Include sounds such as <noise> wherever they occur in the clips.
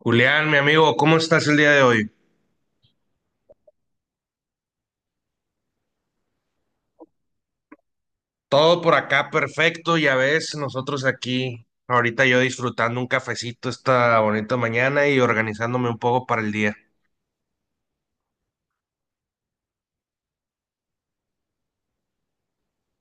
Julián, mi amigo, ¿cómo estás el día de hoy? Todo por acá perfecto, ya ves, nosotros aquí, ahorita yo disfrutando un cafecito esta bonita mañana y organizándome un poco para el día.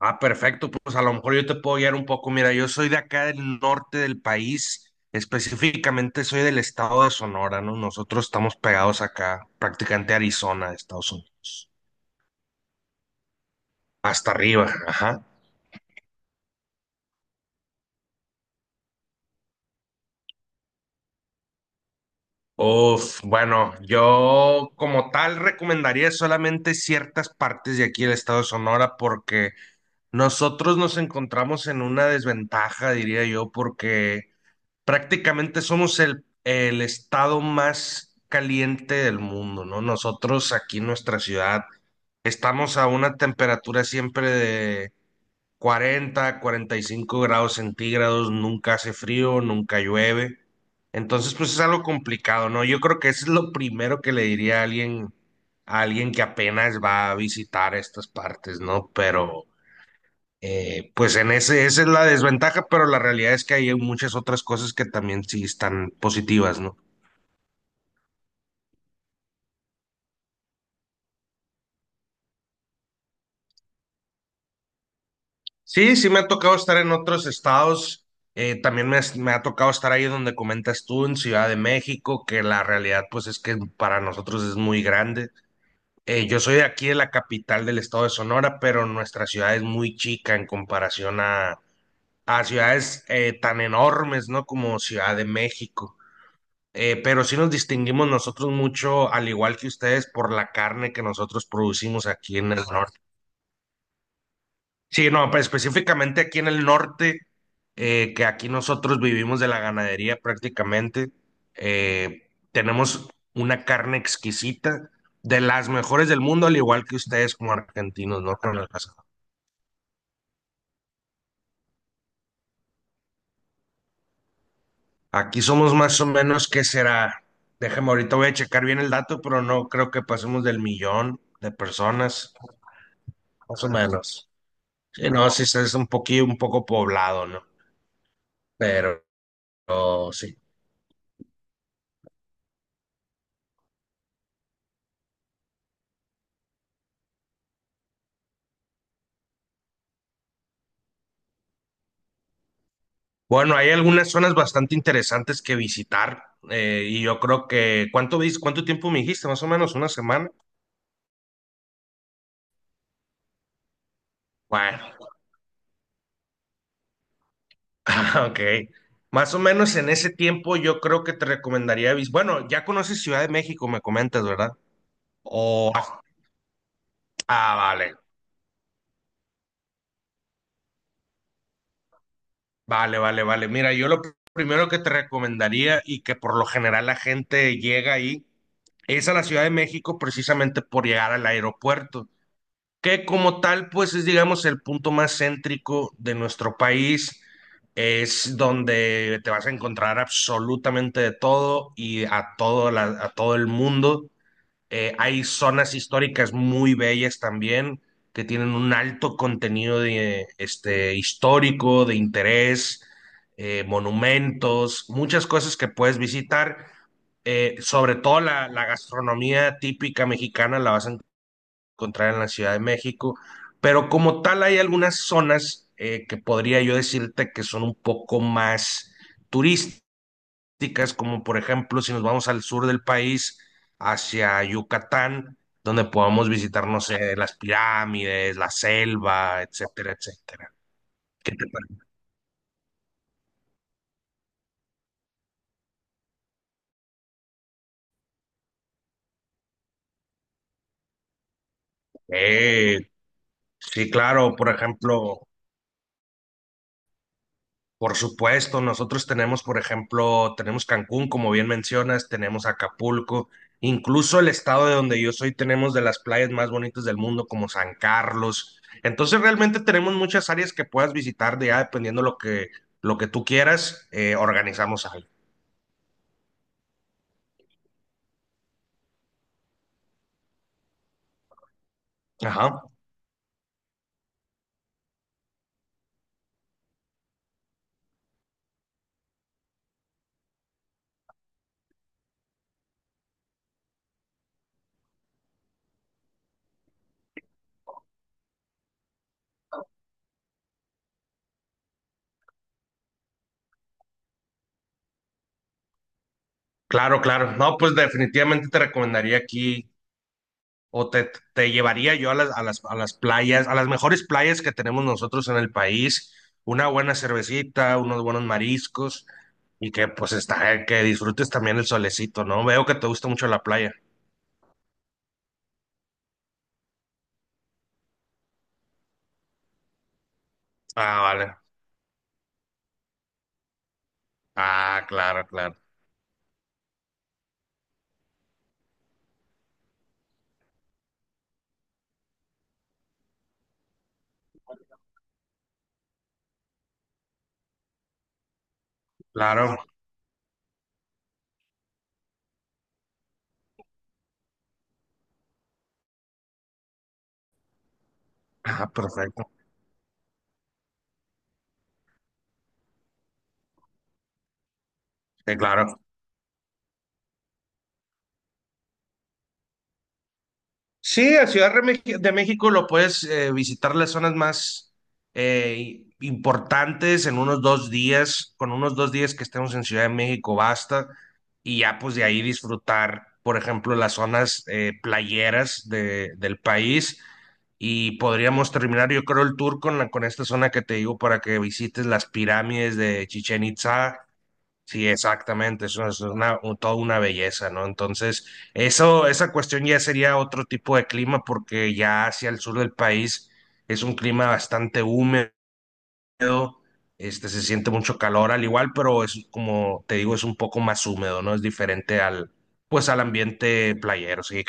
Ah, perfecto, pues a lo mejor yo te puedo guiar un poco. Mira, yo soy de acá del norte del país, específicamente soy del estado de Sonora, ¿no? Nosotros estamos pegados acá, prácticamente a Arizona, Estados Unidos, hasta arriba, ajá. Uf, bueno, yo como tal recomendaría solamente ciertas partes de aquí del estado de Sonora porque nosotros nos encontramos en una desventaja, diría yo, porque prácticamente somos el estado más caliente del mundo, ¿no? Nosotros aquí en nuestra ciudad estamos a una temperatura siempre de 40, 45 grados centígrados, nunca hace frío, nunca llueve. Entonces, pues es algo complicado, ¿no? Yo creo que eso es lo primero que le diría a alguien que apenas va a visitar estas partes, ¿no? Pero, pues en esa es la desventaja, pero la realidad es que hay muchas otras cosas que también sí están positivas, ¿no? Sí, sí me ha tocado estar en otros estados. También me ha tocado estar ahí donde comentas tú, en Ciudad de México, que la realidad pues es que para nosotros es muy grande. Yo soy de aquí de la capital del estado de Sonora, pero nuestra ciudad es muy chica en comparación a ciudades tan enormes, ¿no? Como Ciudad de México. Pero sí nos distinguimos nosotros mucho, al igual que ustedes, por la carne que nosotros producimos aquí en el norte. Sí, no, pues, específicamente aquí en el norte, que aquí nosotros vivimos de la ganadería prácticamente, tenemos una carne exquisita, de las mejores del mundo, al igual que ustedes como argentinos, ¿no? ¿Carnal? Aquí somos más o menos, ¿qué será? Déjame, ahorita voy a checar bien el dato, pero no creo que pasemos del millón de personas, más o menos. Sí, no, sí, es un poquillo, un poco poblado, ¿no? Pero sí. Bueno, hay algunas zonas bastante interesantes que visitar y yo creo que, ¿cuánto tiempo me dijiste? Más o menos una semana. Bueno, <laughs> ok. Más o menos en ese tiempo yo creo que te recomendaría, bueno, ya conoces Ciudad de México, me comentas, ¿verdad? O, ah, ah, vale, vale, vale, vale. Mira, yo lo primero que te recomendaría y que por lo general la gente llega ahí es a la Ciudad de México precisamente por llegar al aeropuerto. Que como tal, pues es, digamos, el punto más céntrico de nuestro país. Es donde te vas a encontrar absolutamente de todo y a todo, a todo el mundo. Hay zonas históricas muy bellas también, que tienen un alto contenido de, histórico, de interés, monumentos, muchas cosas que puedes visitar. Sobre todo la gastronomía típica mexicana la vas a encontrar en la Ciudad de México, pero como tal hay algunas zonas que podría yo decirte que son un poco más turísticas, como por ejemplo si nos vamos al sur del país, hacia Yucatán, donde podamos visitar, no sé, las pirámides, la selva, etcétera, etcétera. ¿Qué te parece? Eh, sí, claro, por ejemplo. Por supuesto, nosotros tenemos, por ejemplo, tenemos Cancún, como bien mencionas, tenemos Acapulco, incluso el estado de donde yo soy, tenemos de las playas más bonitas del mundo, como San Carlos. Entonces, realmente tenemos muchas áreas que puedas visitar, de ya dependiendo lo que, tú quieras, organizamos algo. Ajá. Claro, claro. No, pues definitivamente te recomendaría aquí o te llevaría yo a a las playas, a las mejores playas que tenemos nosotros en el país, una buena cervecita, unos buenos mariscos y que pues está, que disfrutes también el solecito, ¿no? Veo que te gusta mucho la playa. Ah, vale. Ah, claro, claro. Claro. Ah, perfecto. Sí, claro. Sí, a Ciudad de México lo puedes visitar las zonas más importantes en unos 2 días. Con unos dos días que estemos en Ciudad de México basta. Y ya pues de ahí disfrutar, por ejemplo, las zonas playeras del país. Y podríamos terminar, yo creo, el tour con esta zona que te digo para que visites las pirámides de Chichén Itzá. Sí, exactamente, es una, toda una belleza, ¿no? Entonces, eso, esa cuestión ya sería otro tipo de clima, porque ya hacia el sur del país es un clima bastante húmedo, se siente mucho calor al igual, pero es como te digo, es un poco más húmedo, ¿no? Es diferente al, pues al ambiente playero, sí.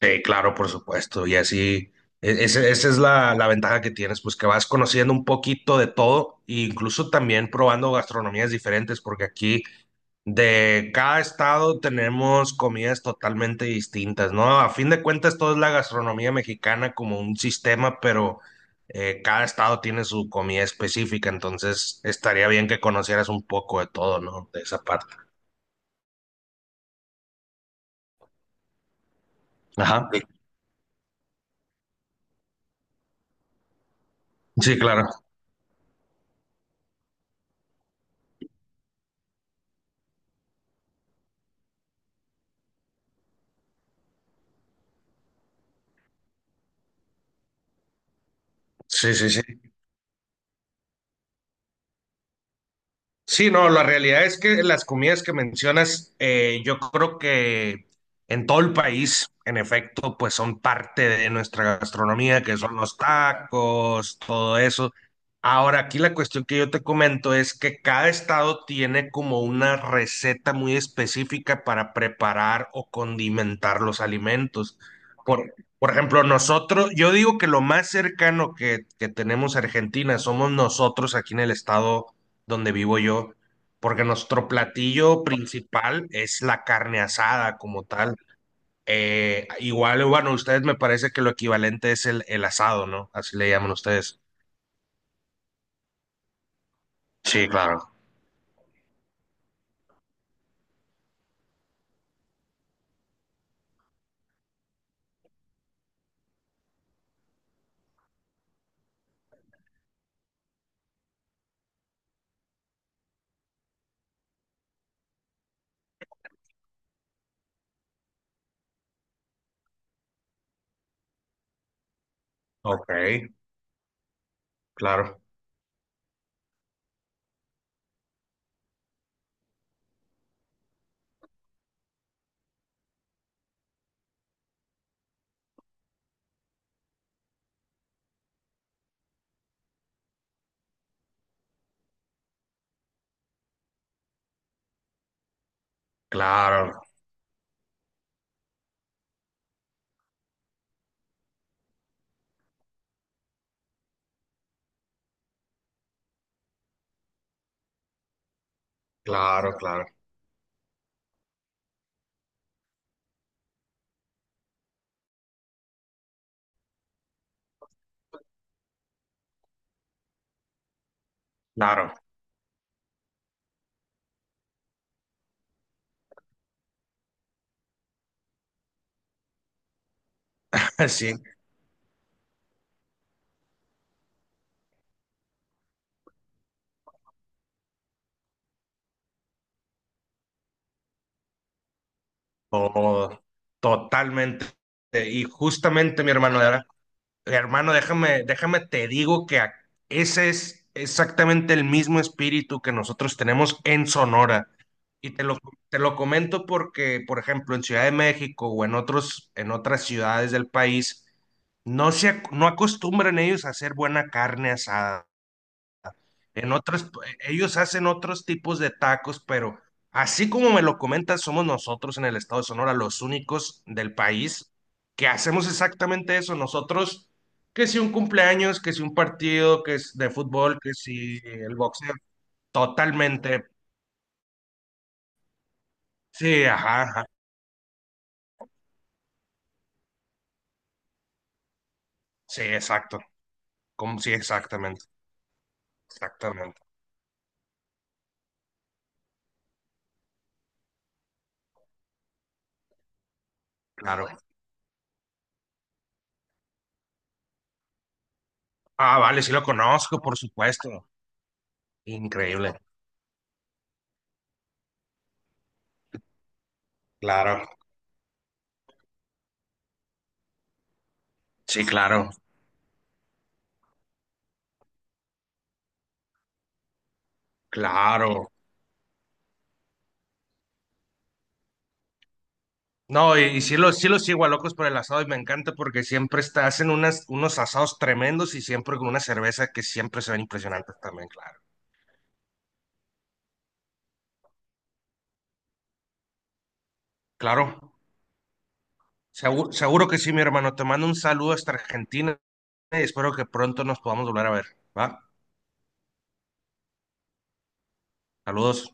Sí, claro, por supuesto. Y así, esa es la ventaja que tienes, pues que vas conociendo un poquito de todo, e incluso también probando gastronomías diferentes, porque aquí de cada estado tenemos comidas totalmente distintas, ¿no? A fin de cuentas, todo es la gastronomía mexicana como un sistema, pero cada estado tiene su comida específica, entonces estaría bien que conocieras un poco de todo, ¿no? De esa parte. Ajá. Sí. Sí, claro. Sí, sí, sí. Sí, no, la realidad es que las comidas que mencionas, yo creo que en todo el país, en efecto, pues son parte de nuestra gastronomía, que son los tacos, todo eso. Ahora, aquí la cuestión que yo te comento es que cada estado tiene como una receta muy específica para preparar o condimentar los alimentos. Por ejemplo, nosotros, yo digo que lo más cercano que tenemos a Argentina somos nosotros aquí en el estado donde vivo yo, porque nuestro platillo principal es la carne asada como tal. Igual, bueno, ustedes me parece que lo equivalente es el asado, ¿no? Así le llaman ustedes. Sí, claro. Ok, claro, claro, claro, claro, claro. <laughs> Sí, todo, totalmente. Y justamente, mi hermano, déjame, déjame, te digo que ese es exactamente el mismo espíritu que nosotros tenemos en Sonora. Y te lo comento porque, por ejemplo, en Ciudad de México o en otras ciudades del país, no se, no acostumbran ellos a hacer buena carne asada. En otras, ellos hacen otros tipos de tacos, pero así como me lo comentas, somos nosotros en el estado de Sonora los únicos del país que hacemos exactamente eso. Nosotros, que si un cumpleaños, que si un partido, que es de fútbol, que si el boxeo, totalmente. Sí, ajá, ajá, sí, exacto. Como sí, exactamente, exactamente. Ah, claro. Bueno, ah, vale, sí lo conozco, por supuesto. Increíble. Claro, sí, claro, claro. No, y sí lo sigo a Locos por el Asado y me encanta porque siempre está, hacen unos asados tremendos y siempre con una cerveza que siempre se ven impresionantes también, claro. Claro, seguro, que sí, mi hermano. Te mando un saludo hasta Argentina y espero que pronto nos podamos volver a ver. ¿Va? Saludos.